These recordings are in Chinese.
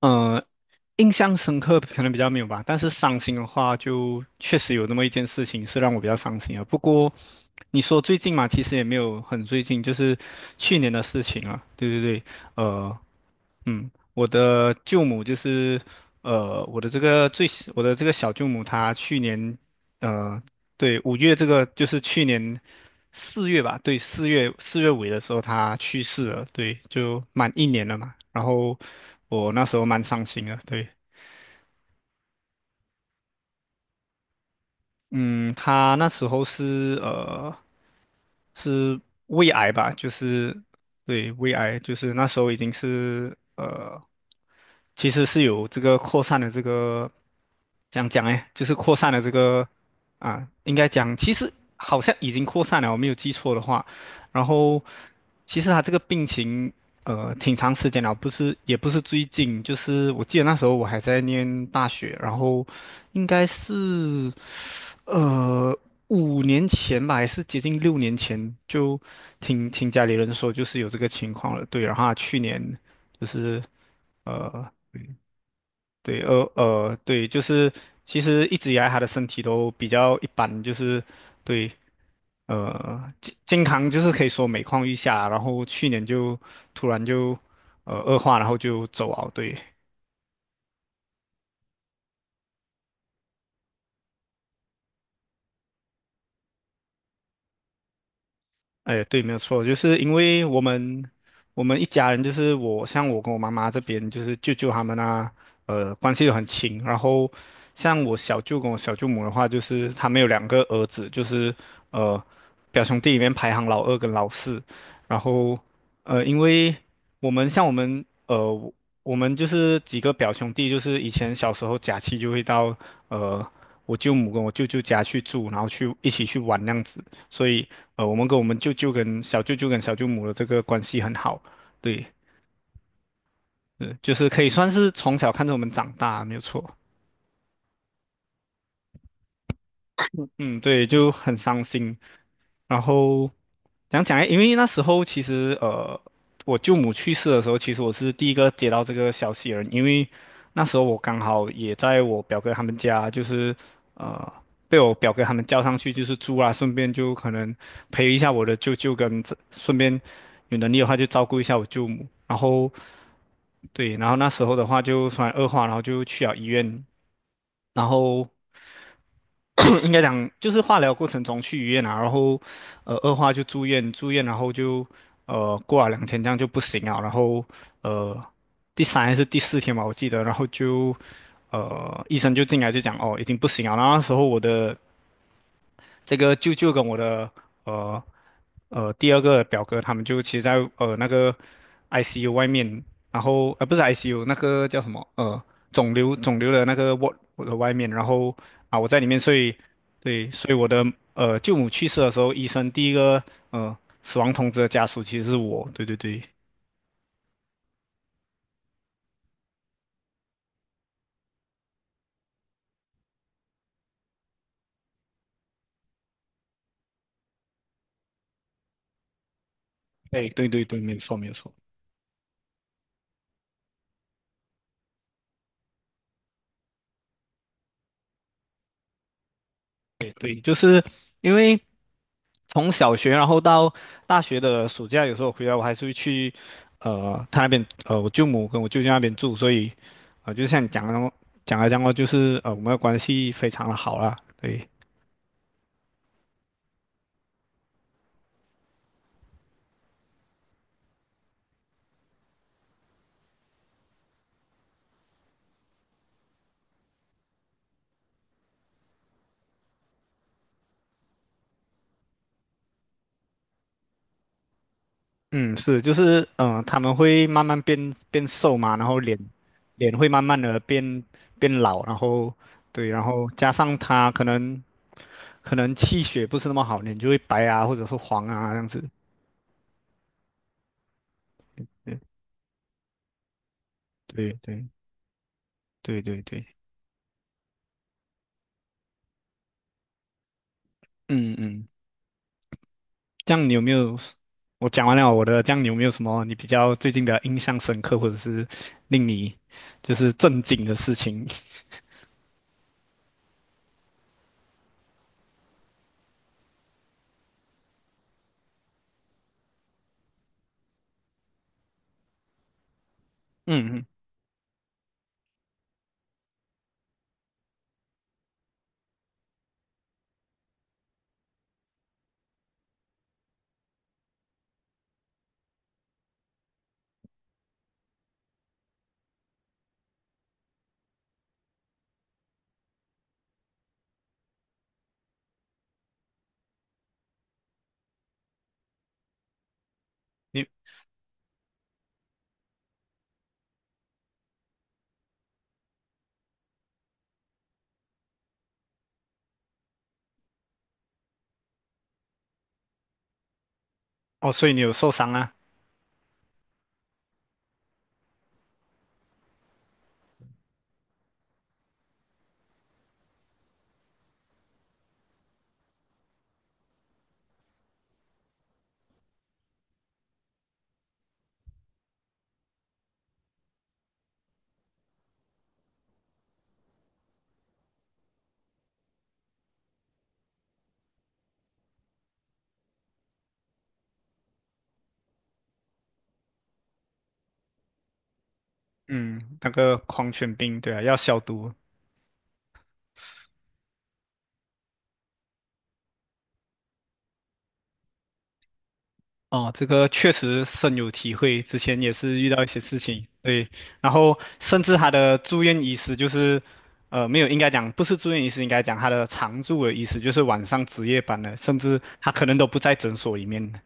嗯，印象深刻可能比较没有吧，但是伤心的话，就确实有那么一件事情是让我比较伤心啊。不过你说最近嘛，其实也没有很最近，就是去年的事情啊。对对对，呃，嗯，我的舅母就是，我的这个小舅母，她去年呃对，五月这个就是去年四月吧，对，四月四月尾的时候他去世了，对，就满一年了嘛。然后我那时候蛮伤心的，对，嗯，他那时候是是胃癌吧，就是对胃癌，就是那时候已经是其实是有这个扩散的这个讲讲哎，就是扩散的这个啊，应该讲其实好像已经扩散了，我没有记错的话。然后其实他这个病情挺长时间了，不是也不是最近，就是我记得那时候我还在念大学，然后应该是。呃，5年前吧，还是接近6年前，就听听家里人说，就是有这个情况了。对，然后他去年就是呃，对，对，就是其实一直以来他的身体都比较一般，就是对，健康就是可以说每况愈下，然后去年就突然就恶化，然后就走啊，对。哎，对，没有错，就是因为我们一家人，就是我像我跟我妈妈这边，就是舅舅他们啊，关系都很亲。然后像我小舅跟我小舅母的话，就是他们有2个儿子，就是呃表兄弟里面排行老二跟老四。然后因为我们就是几个表兄弟，就是以前小时候假期就会到呃我舅母跟我舅舅家去住，然后去一起去玩那样子。所以我们跟我们舅舅跟小舅舅跟小舅母的这个关系很好，对，就是可以算是从小看着我们长大，没有错。嗯，对，就很伤心。然后讲讲诶，因为那时候其实我舅母去世的时候，其实我是第一个接到这个消息的人，因为那时候我刚好也在我表哥他们家，就是呃被我表哥他们叫上去就是住啦，顺便就可能陪一下我的舅舅跟这，顺便有能力的话就照顾一下我舅母。然后对，然后那时候的话就突然恶化，然后就去了医院，然后 应该讲就是化疗过程中去医院啊，然后恶化就住院，住院然后就过了2天这样就不行了，然后呃第三还是第四天吧，我记得，然后就医生就进来就讲哦已经不行了，然后那时候我的这个舅舅跟我的呃第二个表哥，他们就其实在那个 ICU 外面，然后不是 ICU 那个叫什么肿瘤的那个 w a 的外面，然后啊我在里面，睡，对，所以我的舅母去世的时候，医生第一个呃死亡通知的家属其实是我，对对对，哎对对对，没有错没有错，对对，就是因为，从小学然后到大学的暑假，有时候回来我还是会去，他那边我舅母跟我舅舅那边住，所以，就像你讲的那么讲来讲过，就是我们的关系非常的好啦。对，嗯，是，就是他们会慢慢变瘦嘛，然后脸会慢慢的变老，然后对，然后加上他可能气血不是那么好，脸就会白啊，或者是黄啊这样子。对对对对对对，嗯嗯。这样你有没有？我讲完了我的，这样你有没有什么你比较最近的印象深刻，或者是令你就是震惊的事情？嗯，嗯，你哦，所以你有受伤啊？嗯，那个狂犬病，对啊，要消毒。哦，这个确实深有体会，之前也是遇到一些事情，对，然后甚至他的住院医师就是，没有，应该讲不是住院医师，应该讲他的常住的医师，就是晚上值夜班的，甚至他可能都不在诊所里面的，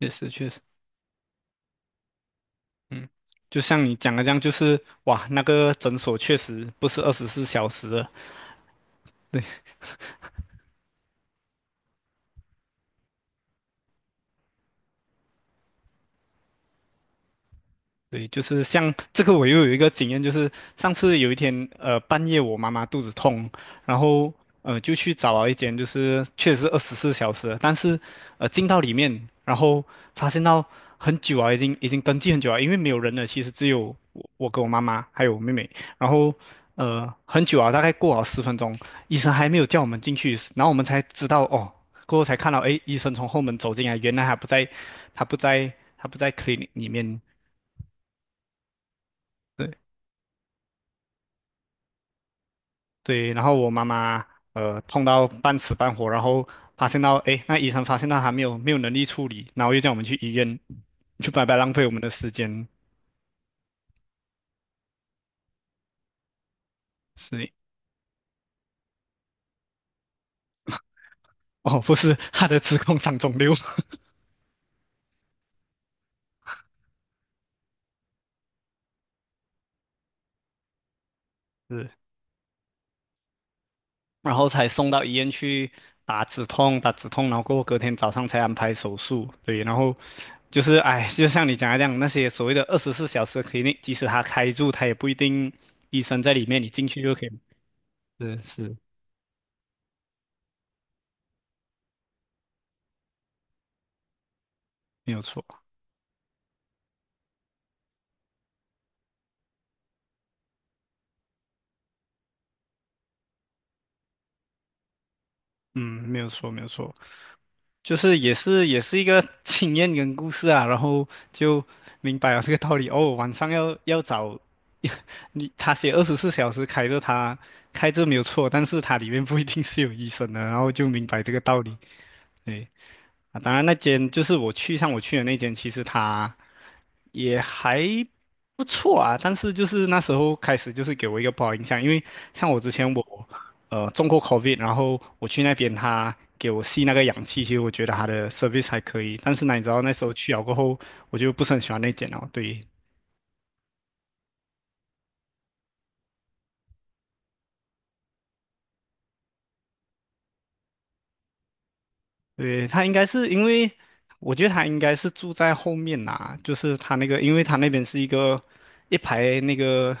确实确实。嗯，就像你讲的这样，就是哇，那个诊所确实不是二十四小时的，对，就是像这个，我又有一个经验，就是上次有一天，半夜我妈妈肚子痛，然后就去找了一间，就是确实是二十四小时的但是进到里面，然后发现到很久啊，已经登记很久了，因为没有人了，其实只有我跟我妈妈还有我妹妹，然后很久啊，大概过了10分钟，医生还没有叫我们进去，然后我们才知道哦，过后才看到，诶，医生从后门走进来，原来他不在，他不在，他不在 clinic 里面。对。对，然后我妈妈痛到半死半活，然后发现到，诶，那医生发现到她没有能力处理，然后又叫我们去医院，就白白浪费我们的时间。是，哦，不是，她的子宫长肿瘤，是，然后才送到医院去打止痛，打止痛，然后过后隔天早上才安排手术。对，然后就是，哎，就像你讲的这样，那些所谓的二十四小时 c l i 即使他开住，他也不一定医生在里面，你进去就可以。是是，没有错，嗯，没有错，没有错。就是也是一个 经验跟故事啊，然后就明白了这个道理。哦，晚上找 你，他写二十四小时开着他开着没有错，但是它里面不一定是有医生的，然后就明白这个道理。对啊，当然那间就是我去的那间，其实他，也还不错啊，但是就是那时候开始就是给我一个不好印象，因为像我之前中过 COVID，然后我去那边他给我吸那个氧气，其实我觉得他的 service 还可以，但是呢，你知道那时候去了过后，我就不是很喜欢那间了，对。对，他应该是因为，我觉得他应该是住在后面呐，就是他那个，因为他那边是一个一排那个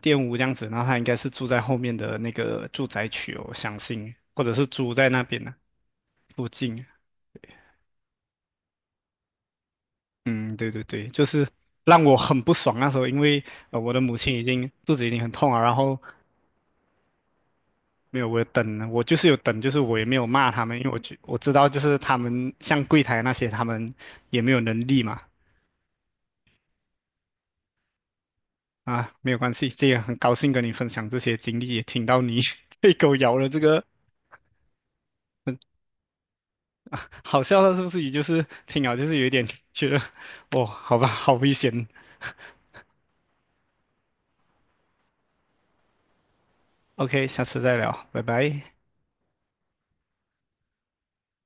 店屋这样子，然后他应该是住在后面的那个住宅区哦，我相信，或者是租在那边的。路径，嗯，对对对，就是让我很不爽那时候，因为我的母亲已经肚子已经很痛了，然后没有我有等，我就是有等，就是我也没有骂他们，因为我知道就是他们像柜台那些他们也没有能力嘛，啊，没有关系，这也很高兴跟你分享这些经历，也听到你 被狗咬了这个好笑的，是不是？也就是听了就是有一点觉得，哦，好吧，好危险。OK，下次再聊，拜拜。